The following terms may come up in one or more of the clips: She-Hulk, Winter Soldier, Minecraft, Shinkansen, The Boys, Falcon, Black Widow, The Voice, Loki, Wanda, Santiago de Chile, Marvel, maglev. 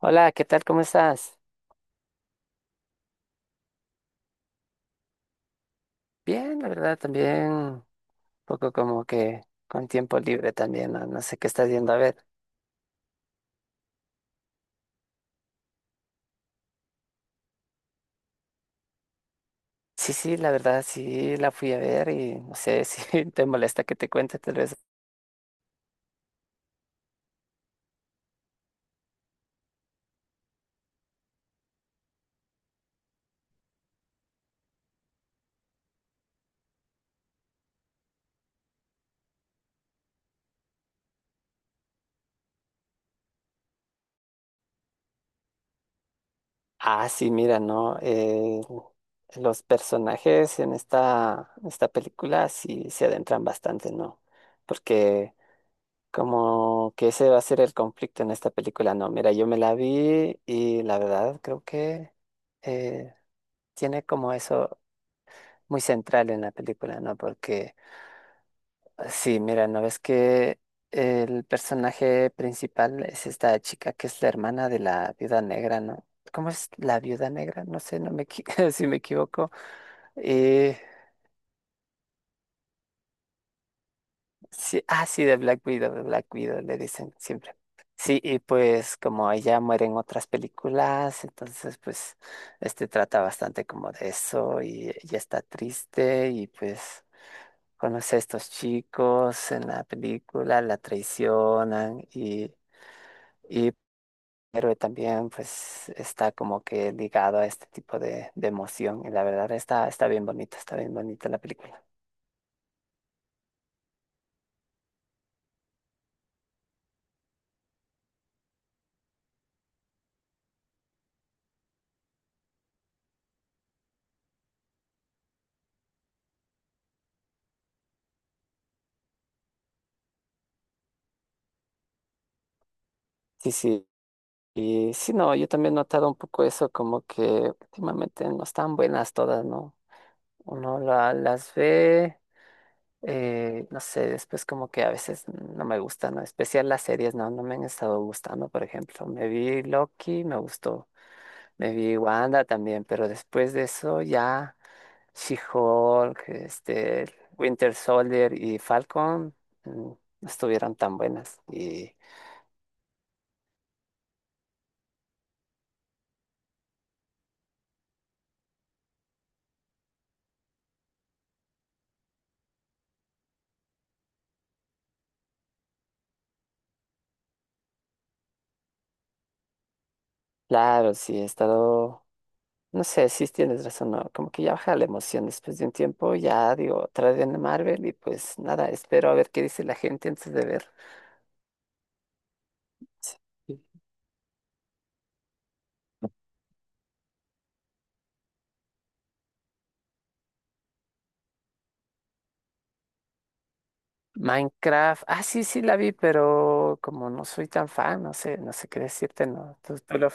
Hola, ¿qué tal? ¿Cómo estás? Bien, la verdad, también un poco como que con tiempo libre también, no, no sé qué estás yendo a ver. Sí, sí, la verdad, sí, la fui a ver y no sé si te molesta que te cuente tal vez. Ah, sí, mira, ¿no? Los personajes en esta película sí se adentran bastante, ¿no? Porque como que ese va a ser el conflicto en esta película, ¿no? Mira, yo me la vi y la verdad creo que... eh, tiene como eso, muy central en la película, ¿no? Porque sí, mira, ¿no ves que el personaje principal es esta chica que es la hermana de la viuda negra, ¿no? ¿Cómo es la viuda negra? No sé, si me equivoco. Eh, sí, ah, sí, de Black Widow, le dicen siempre. Sí, y pues como ella muere en otras películas, entonces pues este trata bastante como de eso y ella está triste y pues conoce a estos chicos en la película, la traicionan y el héroe también pues está como que ligado a este tipo de emoción y la verdad está, está bien bonita la película. Sí, sí. Y sí, no, yo también he notado un poco eso, como que últimamente no están buenas todas, ¿no? Uno las ve. No sé, después como que a veces no me gustan, ¿no? En especial las series, no, no me han estado gustando, por ejemplo. Me vi Loki, me gustó. Me vi Wanda también, pero después de eso ya She-Hulk, este, Winter Soldier y Falcon, no estuvieron tan buenas. Y claro, sí he estado, no sé, si tienes razón, ¿no? Como que ya baja la emoción después de un tiempo, ya digo, otra vez en Marvel y pues nada, espero a ver qué dice la gente antes de ver. Minecraft, ah, sí, sí la vi, pero como no soy tan fan, no sé, no sé qué decirte, no.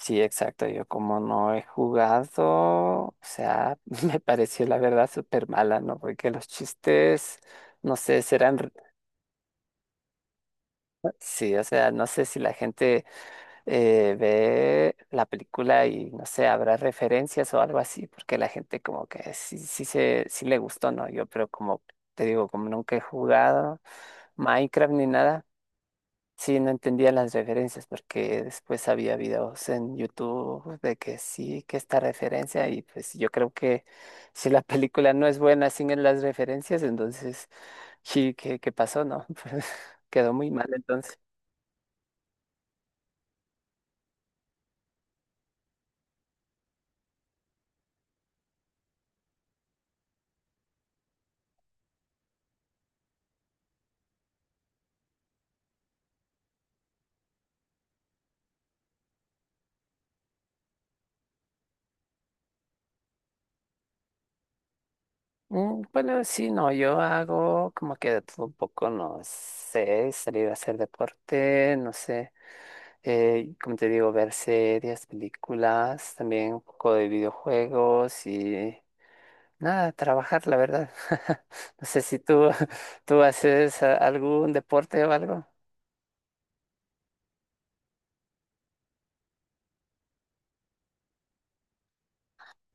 Sí, exacto, yo como no he jugado, o sea, me pareció la verdad súper mala, ¿no? Porque los chistes, no sé, sí, o sea, no sé si la gente ve la película y, no sé, habrá referencias o algo así, porque la gente como que sí, sí, se, sí le gustó, ¿no? Yo, pero como te digo, como nunca he jugado Minecraft ni nada. Sí, no entendía las referencias porque después había videos en YouTube de que sí, que esta referencia y pues yo creo que si la película no es buena sin las referencias, entonces sí, qué pasó, no? Pues quedó muy mal entonces. Bueno, sí, no, yo hago como que de todo un poco, no sé, salir a hacer deporte, no sé, como te digo, ver series, películas, también un poco de videojuegos y... nada, trabajar, la verdad. No sé si tú, tú haces algún deporte o algo.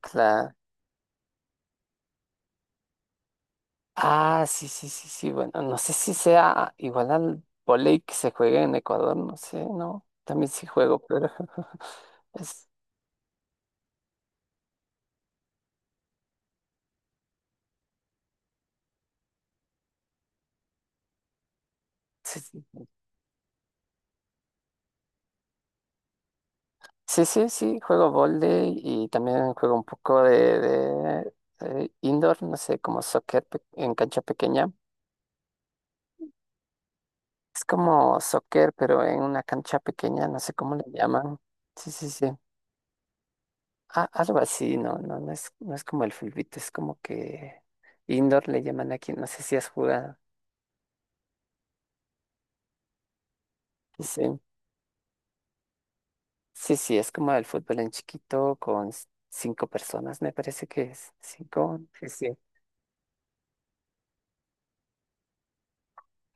Claro. Ah, sí, sí, sí, sí. Bueno, no sé si sea igual al vóley que se juega en Ecuador, no sé, no. También sí juego, pero es- sí, sí, sí, sí, sí, juego vóley y también juego un poco de indoor, no sé, como soccer en cancha pequeña. Es como soccer, pero en una cancha pequeña, no sé cómo le llaman. Sí, sí, sí. Algo así, no, no, no es, no es como el fulbito, es como que indoor le llaman aquí, no sé si has jugado. Sí, sí, sí, es como el fútbol en chiquito con cinco personas, me parece que es. Cinco, sí, sí.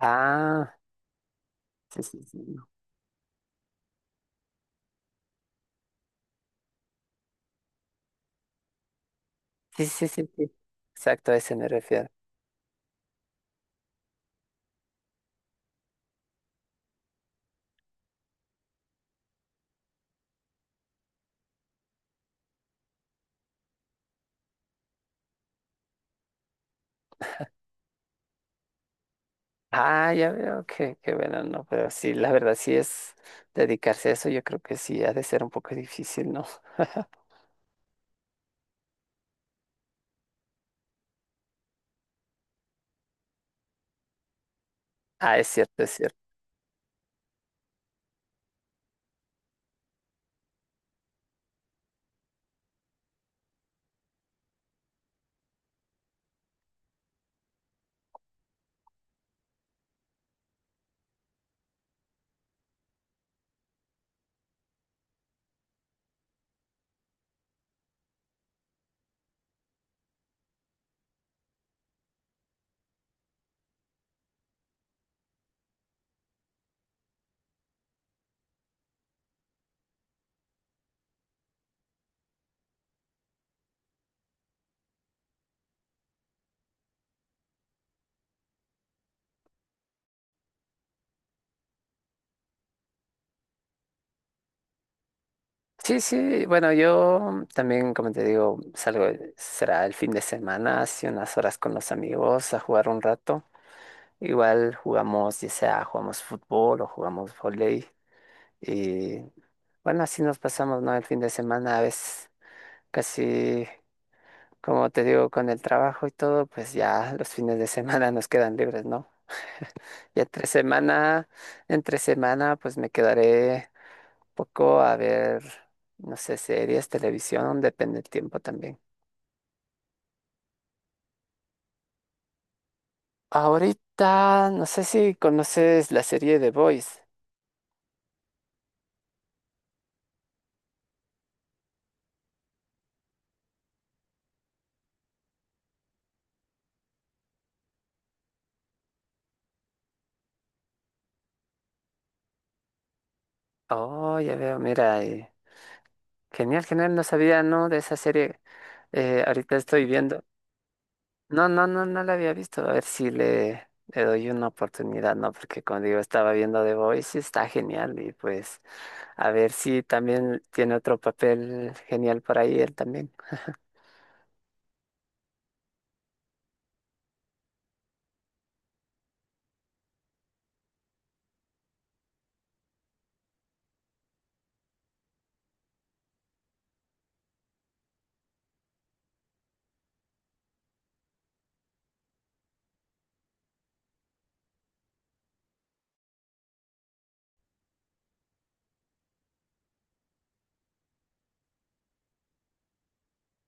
Ah, sí, sí, sí. No. Sí, sí, sí, sí. Exacto, a ese me refiero. Ah, ya veo que bueno, no, pero sí, la verdad, sí es dedicarse a eso, yo creo que sí, ha de ser un poco difícil, ¿no? Ah, es cierto, es cierto. Sí, sí, bueno, yo también, como te digo, salgo, será el fin de semana, hace unas horas con los amigos a jugar un rato. Igual jugamos, ya sea jugamos fútbol o jugamos vóley. Y bueno, así nos pasamos, ¿no? El fin de semana a veces casi, como te digo, con el trabajo y todo, pues ya los fines de semana nos quedan libres, ¿no? Y entre semana, pues me quedaré poco a ver, no sé, series, televisión, depende del tiempo también. Ahorita, no sé si conoces la serie The Boys. Oh, ya veo, mira, genial, genial, no sabía, ¿no? De esa serie. Ahorita estoy viendo. No, no, no, no la había visto. A ver si le, le doy una oportunidad, ¿no? Porque como digo, estaba viendo The Voice y está genial. Y pues, a ver si también tiene otro papel genial por ahí él también.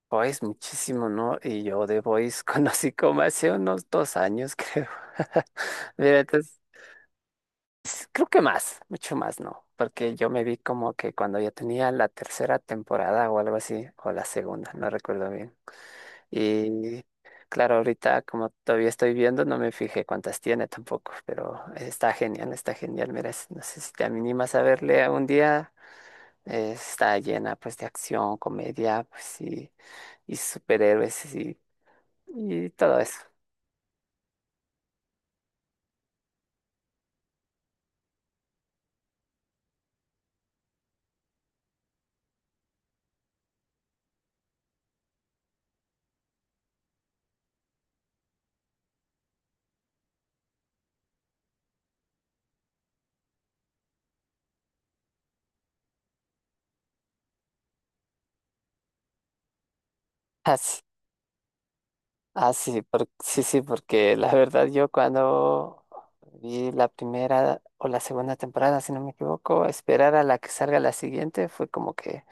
Boys muchísimo, ¿no? Y yo de Boys conocí como hace unos 2 años, creo. Mira, entonces, creo que más, mucho más, ¿no? Porque yo me vi como que cuando ya tenía la tercera temporada o algo así, o la segunda, no recuerdo bien. Y claro, ahorita como todavía estoy viendo, no me fijé cuántas tiene tampoco, pero está genial, está genial. Mira, no sé si te animas a verle un día. Está llena pues de acción, comedia, pues sí y superhéroes y todo eso. Así, así, sí, sí, porque la verdad yo cuando vi la primera o la segunda temporada, si no me equivoco, esperar a la que salga la siguiente fue como que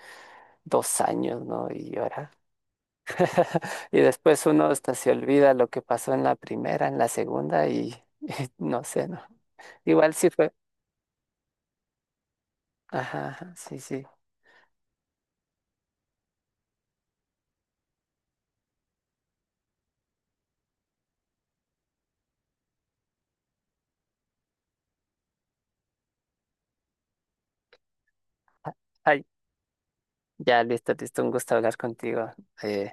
2 años, ¿no? Y ahora. Y después uno hasta se olvida lo que pasó en la primera, en la segunda y, no sé, ¿no? Igual sí fue. Ajá, ajá, sí, sí. Ay, ya, listo, listo, un gusto hablar contigo. Eh,